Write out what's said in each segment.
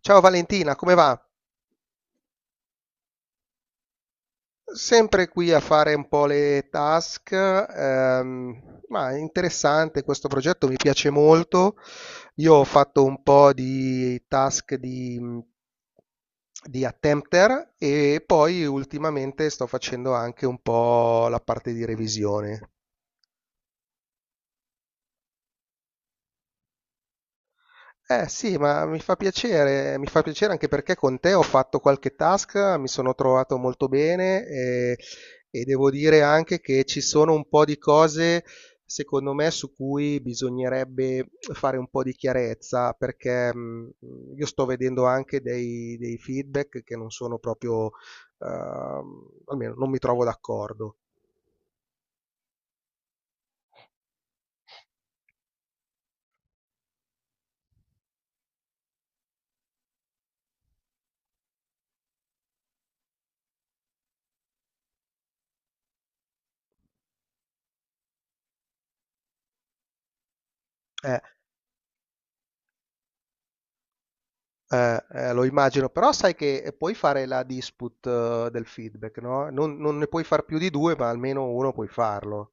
Ciao Valentina, come va? Sempre qui a fare un po' le task, ma è interessante questo progetto, mi piace molto. Io ho fatto un po' di task di attempter e poi ultimamente sto facendo anche un po' la parte di revisione. Eh sì, ma mi fa piacere anche perché con te ho fatto qualche task, mi sono trovato molto bene e devo dire anche che ci sono un po' di cose, secondo me, su cui bisognerebbe fare un po' di chiarezza, perché io sto vedendo anche dei feedback che non sono proprio, almeno non mi trovo d'accordo. Eh, Lo immagino, però sai che puoi fare la dispute del feedback, no? Non ne puoi far più di due, ma almeno uno puoi farlo.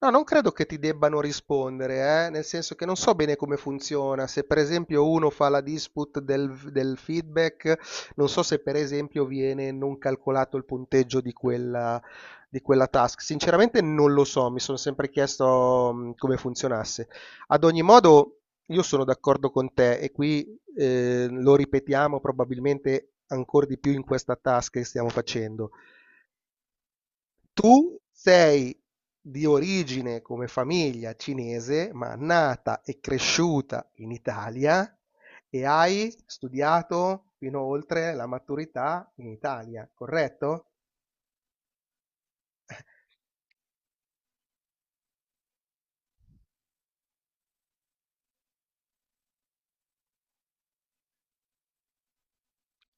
No, non credo che ti debbano rispondere, nel senso che non so bene come funziona. Se per esempio uno fa la dispute del feedback, non so se per esempio viene non calcolato il punteggio di quella task. Sinceramente non lo so, mi sono sempre chiesto come funzionasse. Ad ogni modo, io sono d'accordo con te e qui lo ripetiamo probabilmente ancora di più in questa task che stiamo facendo. Tu sei di origine come famiglia cinese, ma nata e cresciuta in Italia e hai studiato fino oltre la maturità in Italia, corretto?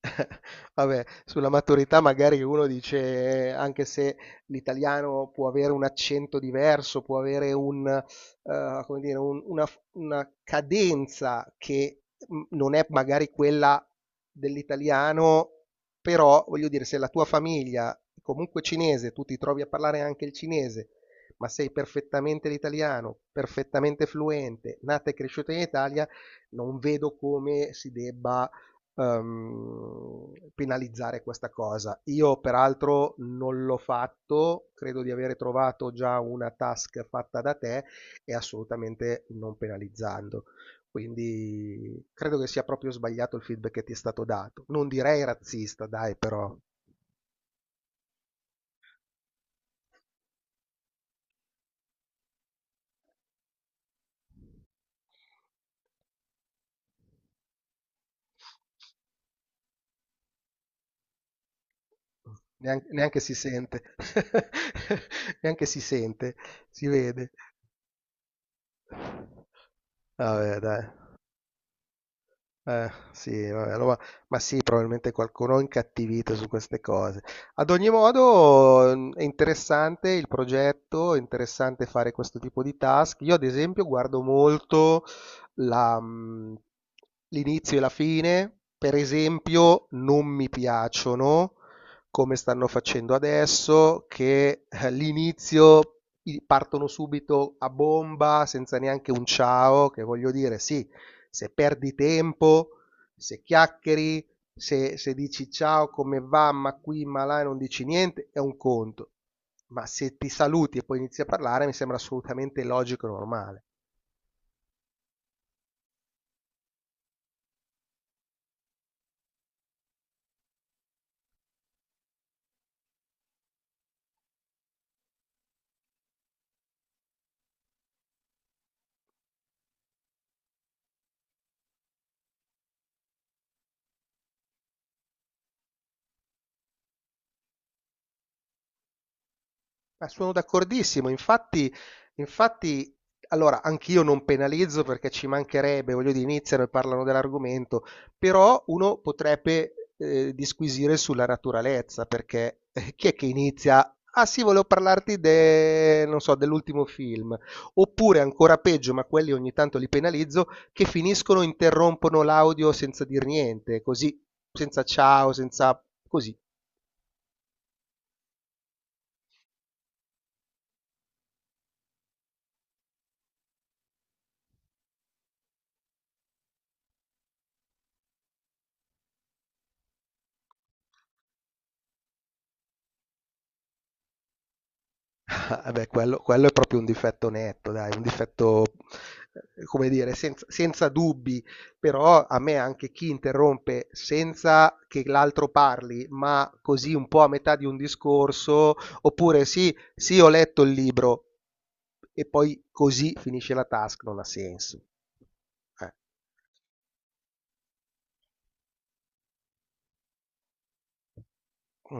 Vabbè, sulla maturità magari uno dice, anche se l'italiano può avere un accento diverso, può avere come dire, una cadenza che non è magari quella dell'italiano, però voglio dire, se la tua famiglia è comunque cinese, tu ti trovi a parlare anche il cinese, ma sei perfettamente l'italiano, perfettamente fluente, nata e cresciuta in Italia, non vedo come si debba penalizzare questa cosa. Io peraltro non l'ho fatto, credo di aver trovato già una task fatta da te e assolutamente non penalizzando. Quindi credo che sia proprio sbagliato il feedback che ti è stato dato. Non direi razzista, dai, però neanche si sente, neanche si sente, si vede. Vabbè, dai. Sì, vabbè, ma sì, probabilmente qualcuno è incattivito su queste cose. Ad ogni modo, è interessante il progetto, è interessante fare questo tipo di task. Io, ad esempio, guardo molto la, mh, l'inizio e la fine, per esempio, non mi piacciono come stanno facendo adesso, che l'inizio partono subito a bomba senza neanche un ciao, che voglio dire, sì, se perdi tempo, se chiacchieri, se dici ciao, come va, ma qui, ma là, e non dici niente, è un conto. Ma se ti saluti e poi inizi a parlare, mi sembra assolutamente logico e normale. Ma sono d'accordissimo, infatti, allora, anch'io non penalizzo perché ci mancherebbe, voglio dire, iniziano e parlano dell'argomento, però uno potrebbe disquisire sulla naturalezza, perché chi è che inizia? Ah sì, volevo parlarti non so, dell'ultimo film, oppure ancora peggio, ma quelli ogni tanto li penalizzo, che finiscono, interrompono l'audio senza dir niente, così, senza ciao, senza così. Eh beh, quello è proprio un difetto netto, dai, un difetto, come dire, senza dubbi, però a me anche chi interrompe senza che l'altro parli, ma così un po' a metà di un discorso, oppure sì, sì, ho letto il libro e poi così finisce la task, non ha senso. Eh.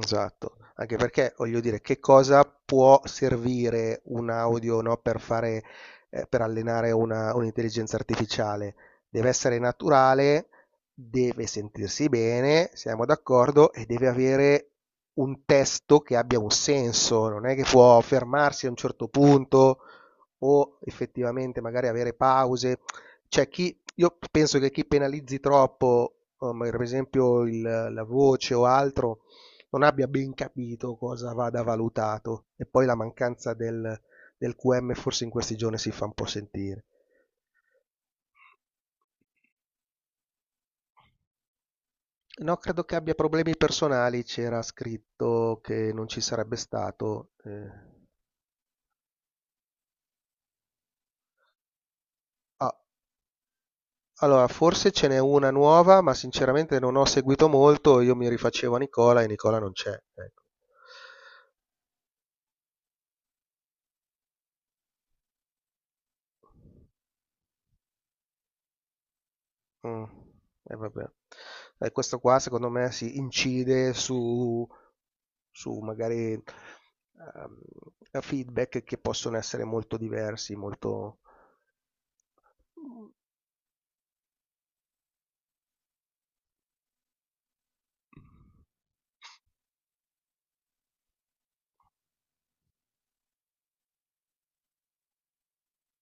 Esatto, anche perché voglio dire, che cosa può servire un audio, no, per allenare un'intelligenza artificiale? Deve essere naturale, deve sentirsi bene, siamo d'accordo, e deve avere un testo che abbia un senso, non è che può fermarsi a un certo punto o effettivamente magari avere pause. Cioè, chi, io penso che chi penalizzi troppo, per esempio la voce o altro, non abbia ben capito cosa vada valutato. E poi la mancanza del QM forse in questi giorni si fa un po' sentire. No, credo che abbia problemi personali, c'era scritto che non ci sarebbe stato. Ah, allora, forse ce n'è una nuova, ma sinceramente non ho seguito molto, io mi rifacevo a Nicola e Nicola non c'è. Ecco. Mh. E vabbè. E questo qua secondo me sì, incide su magari, feedback che possono essere molto diversi, molto.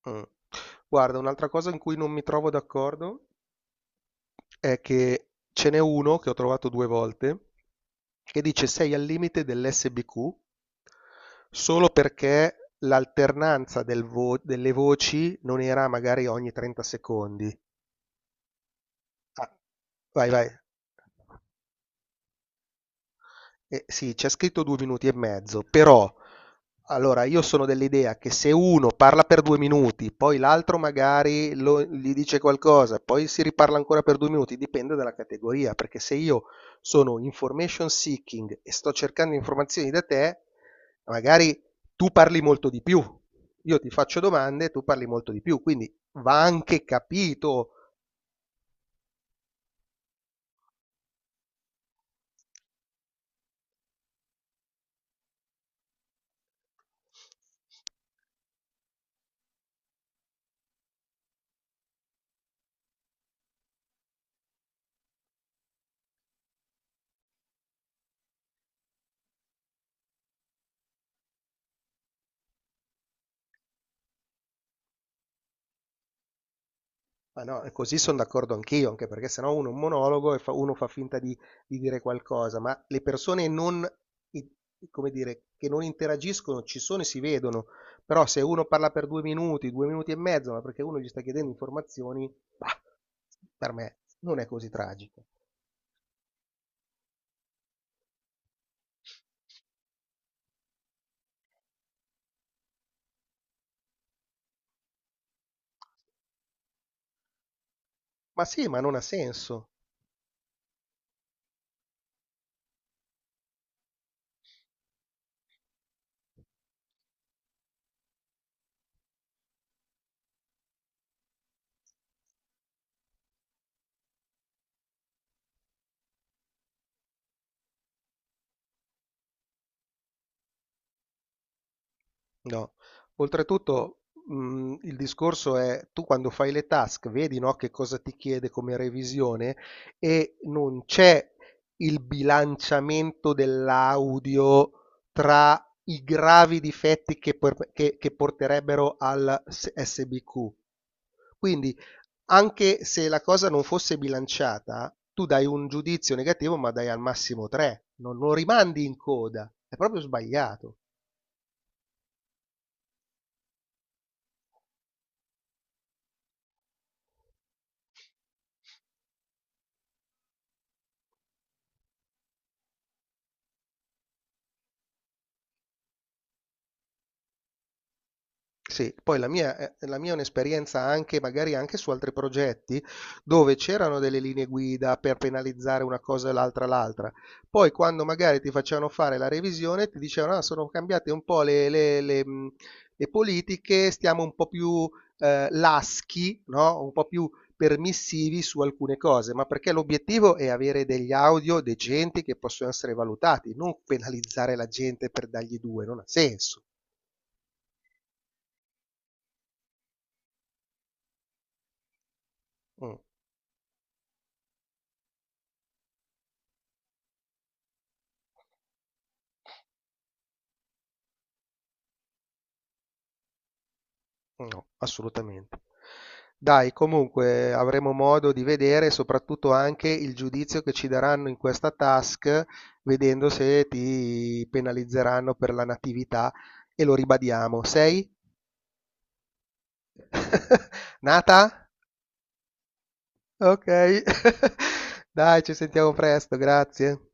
Mh. Guarda, un'altra cosa in cui non mi trovo d'accordo è che ce n'è uno che ho trovato 2 volte che dice: "Sei al limite dell'SBQ solo perché l'alternanza del vo delle voci non era magari ogni 30 secondi". Ah, vai, vai. Sì, c'è scritto 2 minuti e mezzo, però allora io sono dell'idea che se uno parla per 2 minuti, poi l'altro magari gli dice qualcosa, poi si riparla ancora per 2 minuti, dipende dalla categoria, perché se io sono information seeking e sto cercando informazioni da te, magari tu parli molto di più. Io ti faccio domande, tu parli molto di più, quindi va anche capito. Ma no, e così sono d'accordo anch'io, anche perché sennò uno è un monologo e uno fa finta di dire qualcosa, ma le persone non, i- come dire, che non interagiscono ci sono e si vedono, però se uno parla per due minuti, 2 minuti e mezzo, ma perché uno gli sta chiedendo informazioni, bah, per me non è così tragico. Ma sì, ma non ha senso. No, oltretutto, il discorso è tu quando fai le task, vedi, no, che cosa ti chiede come revisione e non c'è il bilanciamento dell'audio tra i gravi difetti che, che porterebbero al SBQ. Quindi, anche se la cosa non fosse bilanciata, tu dai un giudizio negativo, ma dai al massimo 3, non rimandi in coda, è proprio sbagliato. Sì, poi la mia è un'esperienza anche magari anche su altri progetti, dove c'erano delle linee guida per penalizzare una cosa e l'altra. Poi quando magari ti facevano fare la revisione ti dicevano: "Ah, sono cambiate un po' le politiche, stiamo un po' più, laschi, no, un po' più permissivi su alcune cose", ma perché l'obiettivo è avere degli audio decenti che possono essere valutati, non penalizzare la gente per dargli 2, non ha senso. Mh. No, assolutamente. Dai, comunque avremo modo di vedere soprattutto anche il giudizio che ci daranno in questa task, vedendo se ti penalizzeranno per la natività e lo ribadiamo. Sei? Nata? Ok. Dai, ci sentiamo presto, grazie.